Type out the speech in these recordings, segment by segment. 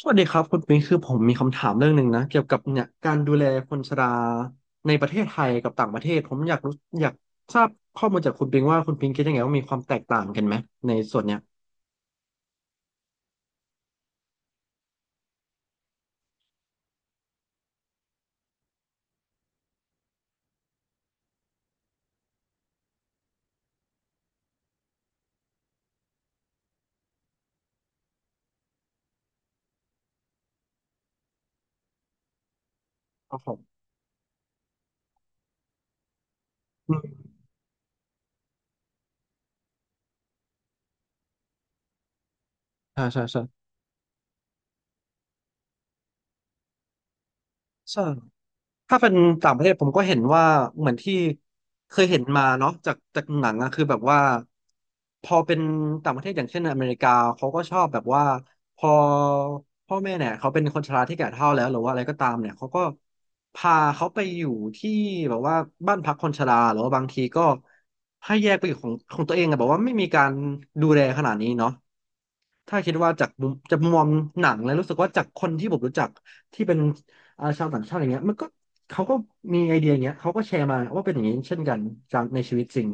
สวัสดีครับคุณปิงคือผมมีคำถามเรื่องหนึ่งนะเกี่ยวกับเนี่ยการดูแลคนชราในประเทศไทยกับต่างประเทศผมอยากรู้อยากทราบข้อมูลจากคุณปิงว่าคุณปิงคิดยังไงว่ามีความแตกต่างกันไหมในส่วนเนี้ยครับผมอืมใช่ใช่ใช่ใช่ ถ้าเป็นต่างประเทศผมก็เห็นว่าเหมือนที่เคยเห็นมาเนาะจากหนังอะคือแบบว่าพอเป็นต่างประเทศอย่างเช่นอเมริกาเขาก็ชอบแบบว่าพอพ่อแม่เนี่ยเขาเป็นคนชราที่แก่เฒ่าแล้วหรือว่าอะไรก็ตามเนี่ยเขาก็พาเขาไปอยู่ที่แบบว่าบ้านพักคนชราหรือว่าบางทีก็ให้แยกไปอยู่ของตัวเองอะแบบว่าไม่มีการดูแลขนาดนี้เนาะ ถ้าคิดว่าจากมุมมองหนังแล้วรู้สึกว่าจากคนที่ผมรู้จักที่เป็นชาวต่างชาติอย่างเงี้ยมันก็เขาก็มีไอเดียอย่างเงี้ยเขาก็แชร์มาว่าเป็นอย่างนี้เช่นกันจากในชีวิตจริง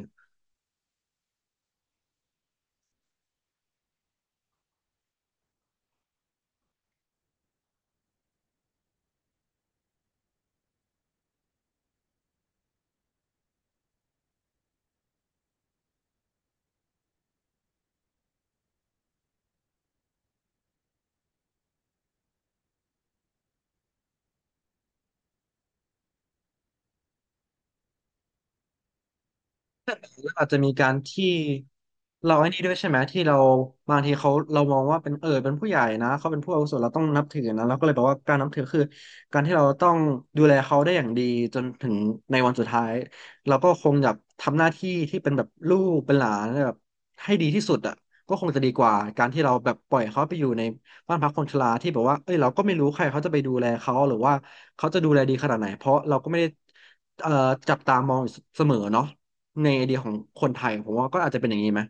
แล้วอาจจะมีการที่เราไอ้นี่ด้วยใช่ไหมที่เราบางทีเขาเรามองว่าเป็นเป็นผู้ใหญ่นะเขาเป็นผู้อาวุโสเราต้องนับถือนะเราก็เลยบอกว่าการนับถือคือการที่เราต้องดูแลเขาได้อย่างดีจนถึงในวันสุดท้ายเราก็คงอยากทำหน้าที่ที่เป็นแบบลูกเป็นหลานแบบให้ดีที่สุดอ่ะก็คงจะดีกว่าการที่เราแบบปล่อยเขาไปอยู่ในบ้านพักคนชราที่แบบว่าเอ้ยเราก็ไม่รู้ใครเขาจะไปดูแลเขาหรือว่าเขาจะดูแลดีขนาดไหนเพราะเราก็ไม่ได้เอ่อจับตามองอยู่เสมอเนาะ ในไอเดียของคนไทยผมว่าก็อาจจะเป็นอย่างนี้ไหม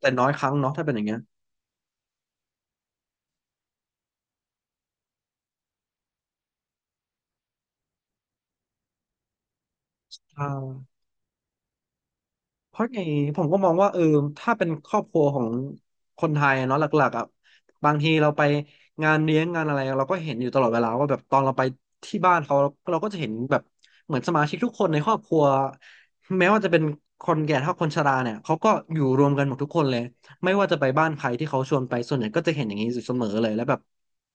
แต่น้อยครั้งเนาะถ้าเป็นอย่างเงี้ยอ่าเพราะไงผมก็มองว่าถ้าเป็นครอบครัวของคนไทยเนาะหลักๆอ่ะบางทีเราไปงานเลี้ยงงานอะไรเราก็เห็นอยู่ตลอดเวลาว่าแบบตอนเราไปที่บ้านเขาเราก็จะเห็นแบบเหมือนสมาชิกทุกคนในครอบครัวแม้ว่าจะเป็นคนแก่เท่าคนชราเนี่ยเขาก็อยู่รวมกันหมดทุกคนเลยไม่ว่าจะไปบ้านใครที่เขาชวนไปส่วนใหญ่ก็จะเห็นอย่างนี้อยู่เสมอเลยแล้วแบบ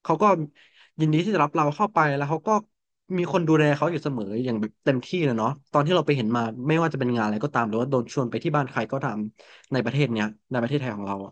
เขาก็ยินดีที่จะรับเราเข้าไปแล้วเขาก็มีคนดูแลเขาอยู่เสมออย่างแบบเต็มที่เลยเนาะตอนที่เราไปเห็นมาไม่ว่าจะเป็นงานอะไรก็ตามหรือว่าโดนชวนไปที่บ้านใครก็ตามในประเทศเนี้ยในประเทศไทยของเราอะ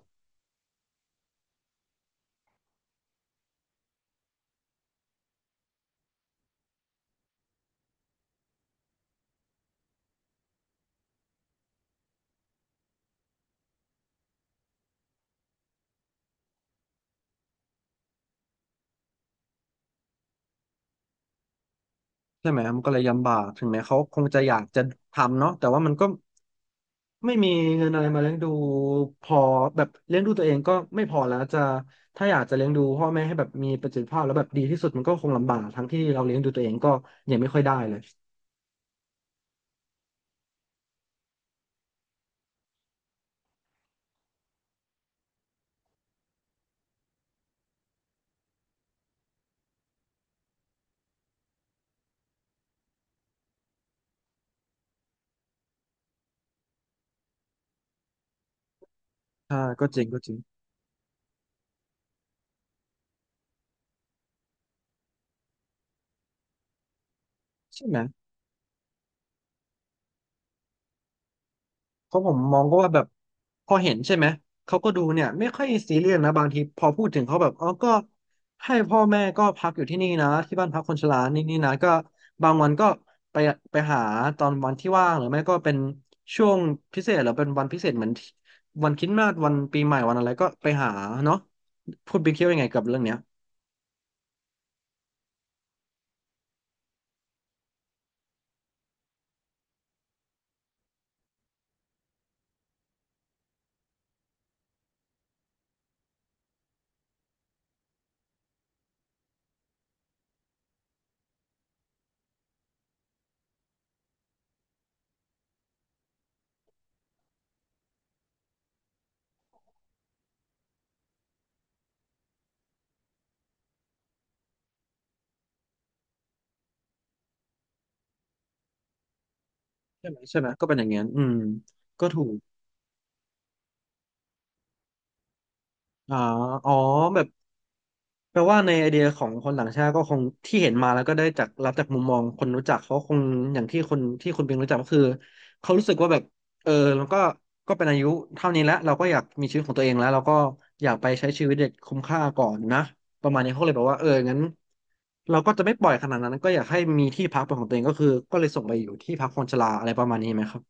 ใช่ไหมมันก็เลยลำบากถึงแม้เขาคงจะอยากจะทำเนาะแต่ว่ามันก็ไม่มีเงินอะไรมาเลี้ยงดูพอแบบเลี้ยงดูตัวเองก็ไม่พอแล้วจะถ้าอยากจะเลี้ยงดูพ่อแม่ให้แบบมีประสิทธิภาพแล้วแบบดีที่สุดมันก็คงลำบากทั้งที่เราเลี้ยงดูตัวเองก็ยังไม่ค่อยได้เลยใชาก็จริงใช่ไหม เพราะผมมองก็ว่าแบบพอเห็นใช่ไหมเขาก็ดูเนี่ยไม่ค่อยซีเรียสนะบางทีพอพูดถึงเขาแบบอ๋อก็ให้พ่อแม่ก็พักอยู่ที่นี่นะที่บ้านพักคนชรานี่นะก็บางวันก็ไปไปหาตอนวันที่ว่างหรือไม่ก็เป็นช่วงพิเศษหรือเป็นวันพิเศษเหมือนที่วันคริสต์มาสวันปีใหม่วันอะไรก็ไปหาเนาะคุณบิ๊กคิดว่ายังไงกับเรื่องเนี้ยใช่ไหมก็เป็นอย่างเงี้ยอืมก็ถูกอ่าอ๋อแบบ แปลว่าในไอเดียของคนต่างชาติก็คงที่เห็นมาแล้วก็ได้จากรับจากมุมมองคนรู้จักเขาคงอย่างที่คนที่คุณเป็นรู้จักก็คือเขารู้สึกว่าแบบเออมันก็ก็เป็นอายุเท่านี้แล้วเราก็อยากมีชีวิตของตัวเองแล้วเราก็อยากไปใช้ชีวิตอย่างคุ้มค่าก่อนนะประมาณนี้เขาเลยบอกว่างั้นเราก็จะไม่ปล่อยขนาดนั้นก็อยากให้มีที่พักเป็นของตัวเองก็คือก็เลยส่งไปอยู่ที่พักคนชราอะไรประมาณนี้ไหมครับ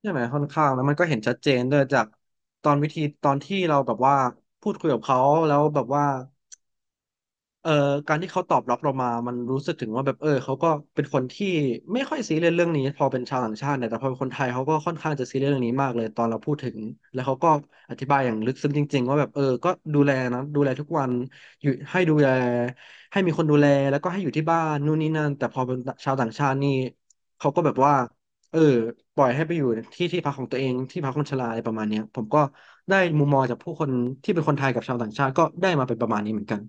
ใช่ไหมค่อนข้างแล้วมันก็เห็นชัดเจนด้วยจากตอนวิธีตอนที่เราแบบว่าพูดคุยกับเขาแล้วแบบว่า เอ่อการที่เขาตอบรับเรามามันรู้สึกถึงว่าแบบเออเขาก็เป็นคนที่ไม่ค่อยซีเรียสเรื่องนี้พอเป็นชาวต่างชาติเนี่ยแต่พอเป็นคนไทยเขาก็ค่อนข้างจะซีเรียสเรื่องนี้มากเลยตอนเราพูดถึงแล้วเขาก็อธิบายอย่างลึกซึ้งจริงๆว่าแบบเออก็ดูแลนะดูแลทุกวันอยู่ให้ดูแลให้มีคนดูแลแล้วก็ให้อยู่ที่บ้านนู่นนี่นั่นแต่พอเป็นชาวต่างชาตินี่เขาก็แบบว่าเออปล่อยให้ไปอยู่ที่ที่พักของตัวเองที่พักคนชราอะไรประมาณเนี้ยผมก็ได้มุมมองจากผู้คนที่เป็นคนไทยกับชาวต่างชาติก็ได้มาเป็นประมาณนี้เหมือนกัน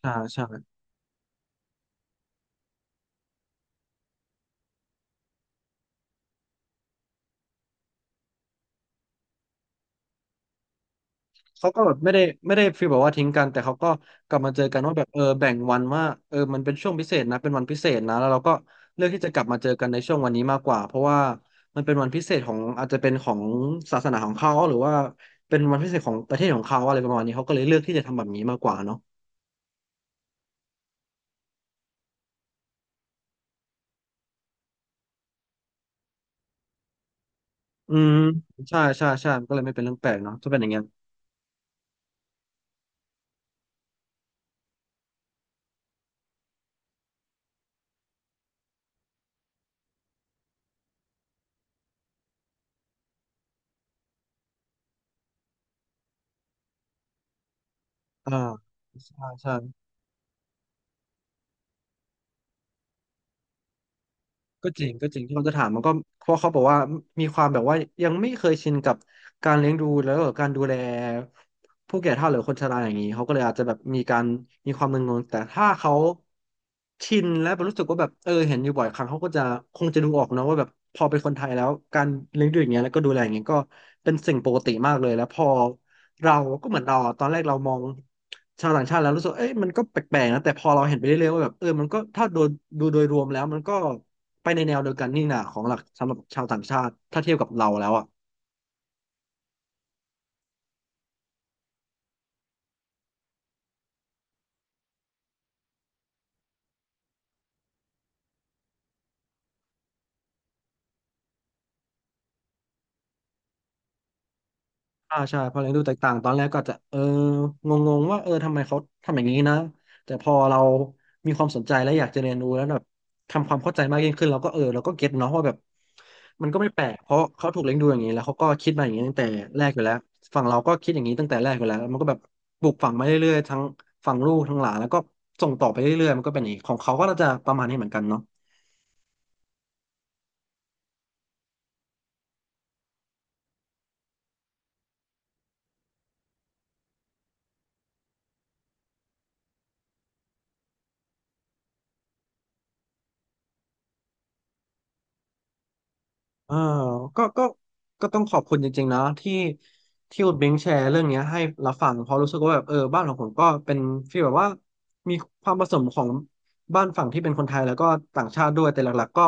ใช่ใช่ เขาก็แบบไม่ได้ฟีลแบบว่าทิ้งกันแต่เขาก็กลับมาเจอกันว่าแบบเออแบ่งวันว่าเออมันเป็นช่วงพิเศษนะเป็นวันพิเศษนะแล้วเราก็เลือกที่จะกลับมาเจอกันในช่วงวันนี้มากกว่าเพราะว่ามันเป็นวันพิเศษของอาจจะเป็นของศาสนาของเขาหรือว่าเป็นวันพิเศษของประเทศของเขาอะไรประมาณนี้เขาก็เลยเลือกที่จะทำแบบนี้มากกว่าเนาะอืมใช่ใช่ใช่มันก็เลยไม่เป็นเรื่องแปลกเนาะถ้าเป็นอย่างเงี้ยอ่าใช่ใช่ ก็จริงก็จริงที่เขาจะถามมันก็เพราะเขาบอกว่ามีความแบบว่ายังไม่เคยชินกับการเลี้ยงดูแล้วก็การดูแลผู้แก่เฒ่าหรือคนชราอย่างนี้เขาก็เลยอาจจะแบบมีการมีความมึนงงแต่ถ้าเขาชินและรู้สึกว่าแบบเออเห็นอยู่บ่อยครั้งเขาก็จะคงจะดูออกนะว่าแบบพอเป็นคนไทยแล้วการเลี้ยงดูอย่างเงี้ยแล้วก็ดูแลอย่างเงี้ยก็เป็นสิ่งปกติมากเลยแล้วพอเราก็เหมือนเราอะตอนแรกเรามองชาวต่างชาติแล้วรู้สึกเอ้ยมันก็แปลกๆนะแต่พอเราเห็นไปเรื่อยๆว่าแบบเออมันก็ถ้าโดยดูโดยรวมแล้วมันก็ ไปในแนวเดียวกันนี่นะของหลักสำหรับชาวต่างชาติถ้าเทียบกับเราแล้วอ่ะอ่าใช่พอเรียนดูแตกต่างตอนแรกก็อาจจะเอองงๆว่าเออทำไมเขาทำอย่างนี้นะแต่พอเรามีความสนใจและอยากจะเรียนรู้แล้วแบบทำความเข้าใจมากยิ่งขึ้นเราก็เออเราก็เก็ตเนาะว่าแบบมันก็ไม่แปลกเพราะเขาถูกเลี้ยงดูอย่างนี้แล้วเขาก็คิดมาอย่างนี้ตั้งแต่แรกอยู่แล้วฝั่งเราก็คิดอย่างนี้ตั้งแต่แรกอยู่แล้วมันก็แบบปลูกฝังมาเรื่อยๆทั้งฝั่งลูกทั้งหลานแล้วก็ส่งต่อไปเรื่อยๆมันก็เป็นอย่างนี้ของเขาก็น่าจะประมาณนี้เหมือนกันเนาะ เออก็ก็ก็ต้องขอบคุณจริงๆนะที่คุณเบิงแชร์เรื่องเนี้ยให้เราฟังเพราะรู้สึกว่าแบบเออบ้านของผมก็เป็นฟีลแบบว่ามีความผสมของบ้านฝั่งที่เป็นคนไทยแล้วก็ต่างชาติด้วยแต่หลักๆก็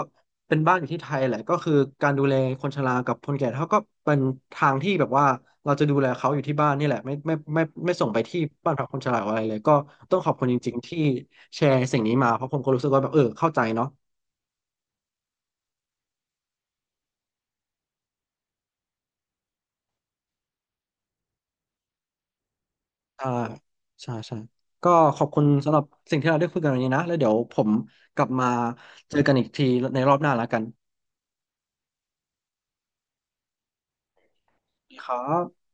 เป็นบ้านอยู่ที่ไทยแหละก็คือการดูแลคนชรากับคนแก่เท่าก็เป็นทางที่แบบว่าเราจะดูแลเขาอยู่ที่บ้านนี่แหละไม่ส่งไปที่บ้านพักคนชราอะไรเลยก็ต้องขอบคุณจริงๆที่แชร์สิ่งนี้มาเพราะผมก็รู้สึกว่าแบบเออเข้าใจเนาะ ใช่ใช่ใช่ก็ขอบคุณสำหรับสิ่งที่เราได้คุยกันวันนี้นะแล้วเดี๋ยวผมกลับมาเจอกันอีกทีในรอบหน้าแล้วกันครับ